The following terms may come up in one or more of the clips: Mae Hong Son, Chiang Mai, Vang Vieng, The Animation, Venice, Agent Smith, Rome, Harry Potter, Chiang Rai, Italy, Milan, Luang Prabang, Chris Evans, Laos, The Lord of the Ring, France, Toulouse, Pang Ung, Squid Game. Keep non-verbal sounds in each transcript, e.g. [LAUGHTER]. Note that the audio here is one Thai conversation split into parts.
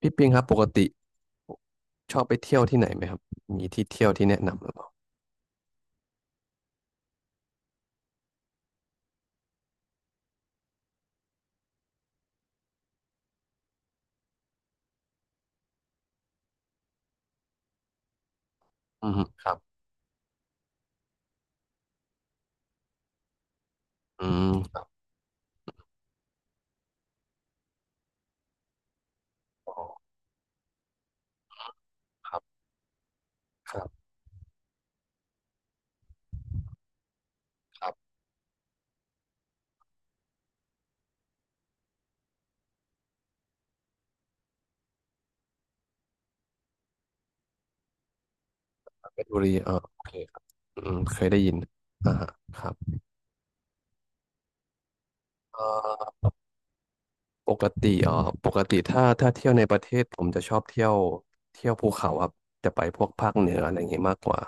พี่ปิงครับปกติชอบไปเที่ยวที่ไหนไหมครับมีที่เที่ยวที่แนะนำหรือเปล่าอืมครับอืมอ๋อครับครับครับเพชรบุรีโอเคครับอืมเคยได้ยินอ่าฮะครับเอ่อปกติอ๋อปกติถ้าเที่ยวในประเทศผมจะชอบเที่ยวภูเขาครับจะไปพวกภาคเหนืออะไรอย่างงี้มากกว่า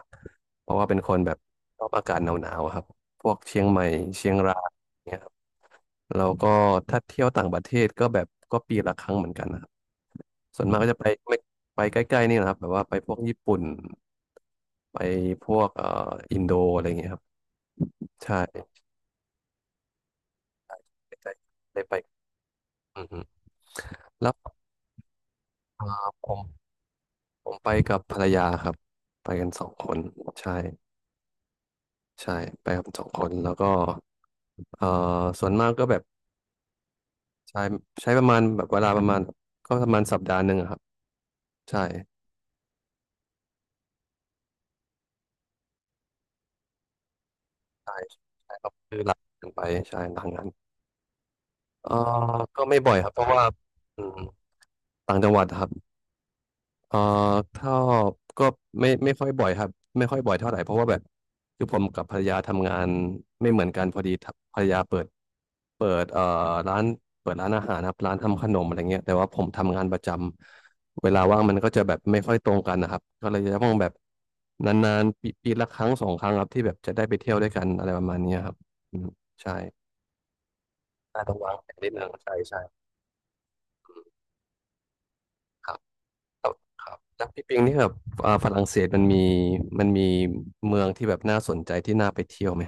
เพราะว่าเป็นคนแบบชอบอากาศหนาวๆอะครับพวกเชียงใหม่เชียงรายเนี่ย แล้วก็ถ้าเที่ยวต่างประเทศก็แบบก็ปีละครั้งเหมือนกันนะครับส่วนมากก็จะไปไม่ไปใกล้ๆนี่นะครับแบบว่าไปพวกญี่ปุ่นไปพวกอินโดอะไรอย่างเงี้ยครับใช่ใกล้ๆได้ไปอือฮึแล้วเอ่อผมผมไปกับภรรยาครับไปกันสองคนใช่ใช่ไปกับสองคนแล้วก็เอ่อส่วนมากก็แบบใช้ใช้ประมาณแบบเวลาประมาณก็ประมาณสัปดาห์หนึ่งอะครับใช่ใช่ใช่ครับคือหลังงานไปใช่หลังงาน เอ่อก็ไม่บ่อยครับ เพราะว่าอืมต่างจังหวัดครับเอ่อถ้าก็ไม่ค่อยบ่อยครับไม่ค่อยบ่อยเท่าไหร่เพราะว่าแบบคือผมกับภรรยาทำงานไม่เหมือนกันพอดีทำภรรยาเปิดร้านเปิดร้านอาหารครับร้านทำขนมอะไรเงี้ยแต่ว่าผมทำงานประจำเวลาว่างมันก็จะแบบไม่ค่อยตรงกันนะครับก็เลยจะต้องแบบนานๆปีละครั้งสองครั้งครับที่แบบจะได้ไปเที่ยวด้วยกันอะไรประมาณเนี้ยครับอืมใช่น่าต้องวางแผนนิดนึงใช่ใช่ ครับครับแล้วพี่ปิงนี่แบบอ่าฝรั่งเศสมันมีเมืองที่แบบน่าสนใจที่น่าไปเที่ยวไหม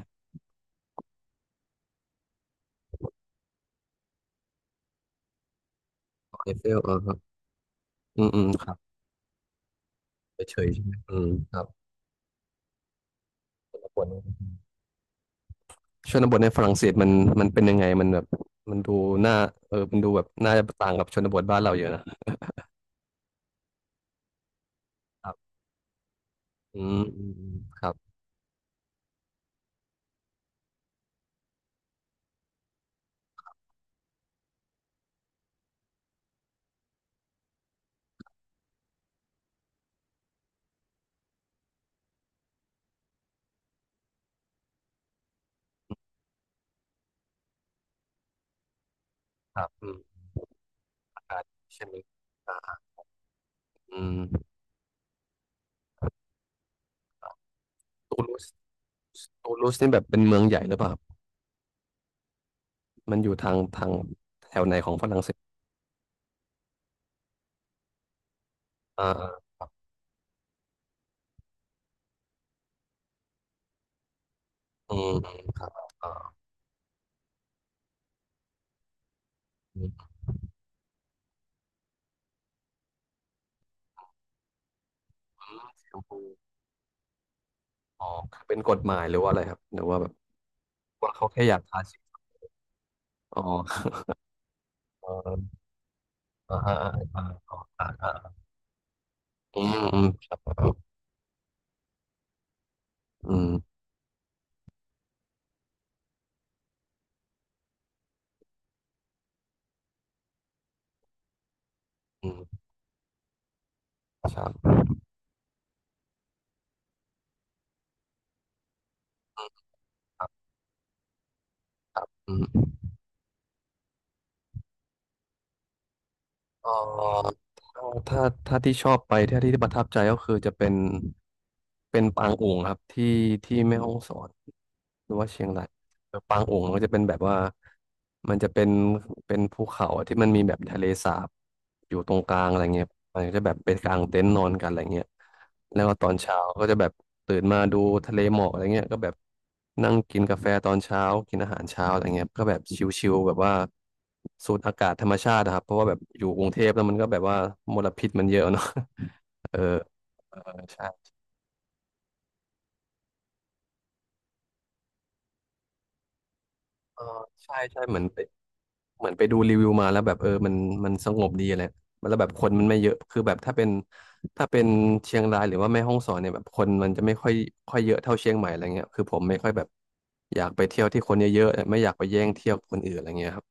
ไอเฟลเออครับอืมอืมครับไปเฉยๆใช่ไหมอืมครับชนบทชนบทในฝรั่งเศสมันมันเป็นยังไงมันแบบมันดูน่าเออมันดูแบบน่าจะต่างกับชนบทบ้านเราเยอะนะครับอืมอืมอืมครับครับอืมอากาศใช่ไหมอ่าอืมตูลูสตูลูสนี่แบบเป็นเมืองใหญ่หรือเปล่าครับมันอยู่ทางแถวไหนของฝรั่งเศสอ่าอ่าอืมอืมครับอ่า สีชมพูอ๋อเป็นกฎหมายหรือว่าอะไรครับ หรือว่าแบบว่าเขาแค่อยากทาสีอ๋อเอออ่าอ่าอ่าอ่าอ่าอ่าอืมอืมครับอืมอืมครับครับอืมเอ่อถ้าที่ชอบไปที่ประทับใจก็คือจะเป็นปางอุ๋งครับที่แม่ฮ่องสอนหรือว่าเชียงราย ปางอุองก็จะเป็นแบบว่ามันจะเป็นภูเขาที่มันมีแบบทะเลสาบอยู่ตรงกลางอะไรเงี้ยมันก็จะแบบเป็นกลางเต็นท์นอนกันอะไรเงี้ยแล้วก็ตอนเช้าก็จะแบบตื่นมาดูทะเลหมอกอะไรเงี้ยก็แบบนั่งกินกาแฟตอนเช้ากินอาหารเช้าอะไรเงี้ยก็แบบชิลๆแบบว่าสูดอากาศธรรมชาตินะครับเพราะว่าแบบอยู่กรุงเทพแล้วมันก็แบบว่ามลพิษมันเยอะเนาะ [LAUGHS] เออเออใช่เออใช่ใช่เหมือนไป เหมือนไปดูรีวิวมาแล้วแบบเออมันมันสงบดีอะไรแล้วแบบคนมันไม่เยอะคือแบบถ้าเป็นเชียงรายหรือว่าแม่ฮ่องสอนเนี่ยแบบคนมันจะไม่ค่อยค่อยเยอะเท่าเชียงใหม่อะไรเงี้ยคือผมไม่ค่อยแบบอยากไปเที่ยวที่คนเยอะๆไม่อยากไปแย่งเที่ยวคนอื่นอะไรเงี้ยครับ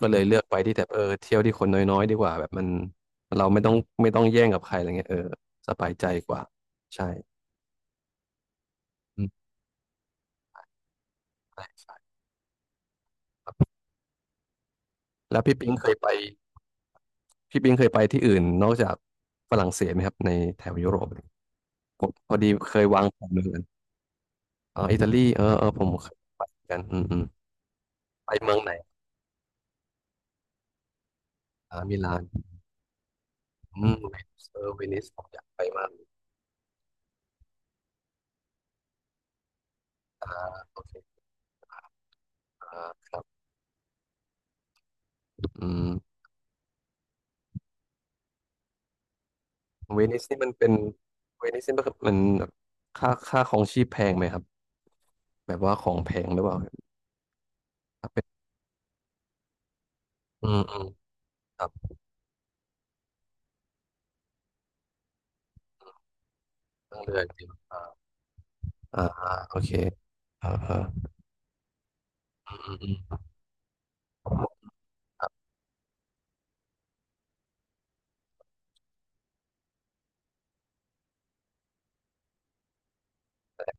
ก็เลยเลือกไปที่แบบเออเที่ยวที่คนน้อยๆดีกว่าแบบมันเราไม่ต้องแย่งกับใครอะไรเงี้ยเออสบายใจกว่าใช่อืมใช่ใช่แล้วพี่ปิงเคยไปที่อื่นนอกจากฝรั่งเศสไหมครับในแถวยุโรป ผมพอดีเคยวางแผนเหมือนกันอ๋ออิตาลีเออเออผมเคยไปเหมือนกันอืมอืมไปเมืองไหนอ่ามิลานอืมเวนิสเออเวนิสผมอยากไปมากอ่าโอเคอ่าครับอืมเวนิสนี่มันเป็นเวนิสนี่มันคือมันค่าของชีพแพงไหมครับแบบว่าของแพงหรือเปล่าครับเป็นอืมอืมครับต้องเรือจริงอ่าอ่าโอเคอ่าอ่าอืมอืมอืม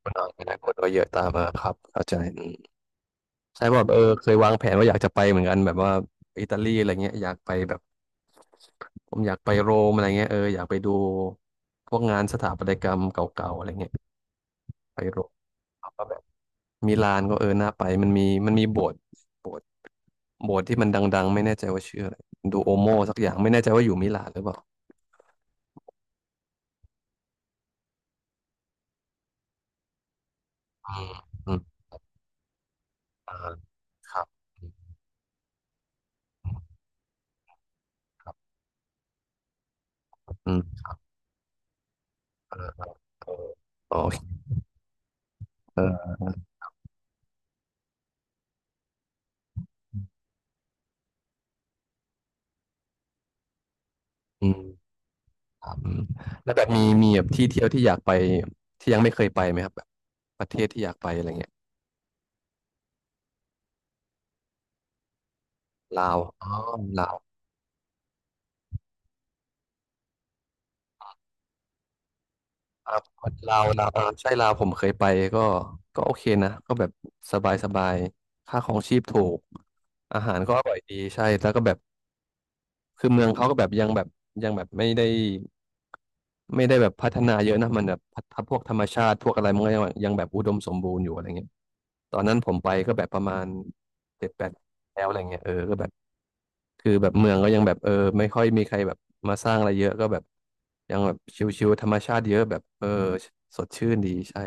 คนอนาคตก็เยอะตามมาครับเข้าใจ ใช่ว่าแบบเคยวางแผนว่าอยากจะไปเหมือนกันแบบว่าอิตาลีอะไรเงี้ยอยากไปแบบผมอยากไปโรมอะไรเงี้ยอยากไปดูพวกงานสถาปัตยกรรมเก่าๆอะไรเงี้ยไปโรมแล้วก็แบบมิลานก็น่าไปมันมีโบสถ์โบสถ์โบสถ์ที่มันดังๆไม่แน่ใจว่าชื่ออะไรดูโอโมสักอย่างไม่แน่ใจว่าอยู่มิลานหรือเปล่าอืมอืมอ่าครับอืมครับอืมเออเออโอเคเอออืม อืมแล้วแบบมีแบบที่เที่ยวที่อยากไปที่ยังไม่เคยไปไหมครับแบบประเทศที่อยากไปอะไรเงี้ยลาวอ๋อลาวครับลาวใช่ลาวผมเคยไปก็ก็โอเคนะก็แบบสบายสบายค่าของชีพถูกอาหารก็อร่อยดีใช่แล้วก็แบบคือเมืองเขาก็แบบยังแบบยังแบบไม่ได้แบบพัฒนาเยอะนะมันแบบพัฒพวกธรรมชาติพวกอะไรมันก็ยังแบบอุดมสมบูรณ์อยู่อะไรเงี้ยตอนนั้นผมไปก็แบบประมาณเจ็ดแปดแล้วอะไรเงี้ยก็แบบ คือแบบเมืองก็ยังแบบไม่ค่อยมีใครแบบมาสร้างอะไรเยอะก็แบบยังแบบชิวๆธรรมชาติเยอะแบบสดชื่นดีใช่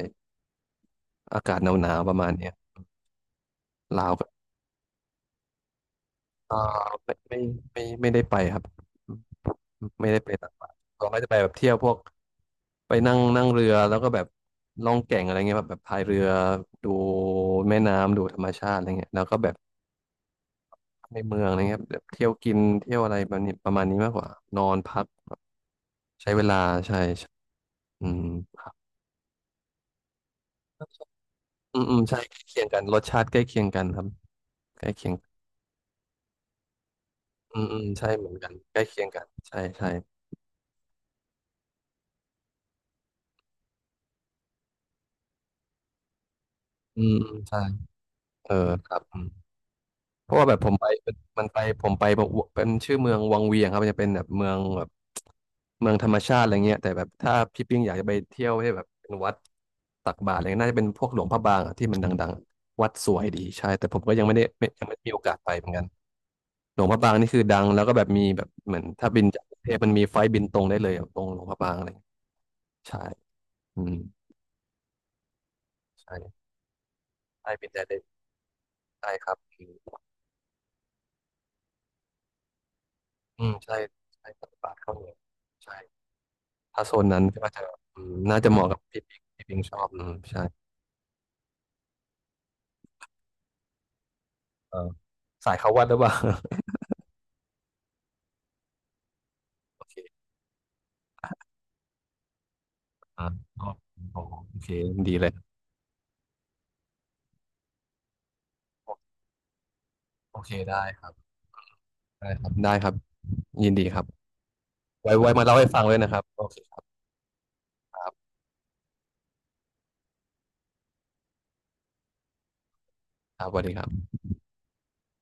อากาศหนาวๆประมาณเนี้ยลาวก็อ่าไม่ไม่ไม่ได้ไปครับไม่ได้ไปต่างประเทศเราก็จะไปแบบเที่ยวพวกไปนั่งนั่งเรือแล้วก็แบบล่องแก่งอะไรเงี้ยแบบพายเรือดูแม่น้ำดูธรรมชาติอะไรเงี้ยแล้วก็แบบในเมืองอะไรเงี้ยแบบเที่ยวกินเที่ยวอะไรแบบนี้ประมาณนี้มากกว่านอนพักใช้เวลาใช่ อืมครับอืมอืมใช่ใกล้เคียงกันรสชาติใกล้เคียงกันครับใกล้เคียงอืมอืมใช่เหมือนกันใกล้เคียงกันใช่ใช่อืมอืมใช่เออครับอืมเพราะว่าแบบผมไปผมไปบอกว่าเป็นชื่อเมืองวังเวียงครับมันจะเป็นแบบเมืองแบบเมืองธรรมชาติอะไรเงี้ยแต่แบบถ้าพี่ปิ้งอยากจะไปเที่ยวให้แบบเป็นวัดตักบาตรอะไรเงี้ยน่าจะเป็นพวกหลวงพระบางอะที่มันดังๆวัดสวยดีใช่แต่ผมก็ยังไม่ได้ไม่มีโอกาสไปเหมือนกัน หลวงพระบางนี่คือดังแล้วก็แบบมีแบบเหมือนถ้าบินจากกรุงเทพมันมีไฟล์บินตรงได้เลยอะตรงหลวงพระบางอะไรอย่างเงี้ยใช่อืมใช่ใช่บินได้เลยใช่ครับอืมอืมใช่ใช่ปฏิบัติเข้าเนียใช่ถ้าโซนนั้นก็จะอืมน่าจะเหมาะกับพี่ปิงชอบอืมใช่เออสายเข้าวัดหรือเปล่า [LAUGHS] โอเคอ่าชอบโอ้โหโอเคดีเลยโอเคได้ครับได้ครับได้ครับยินดีครับไว้มาเล่าให้ฟังเลยนะครับโอเคครับครับครับสวัสดีครับ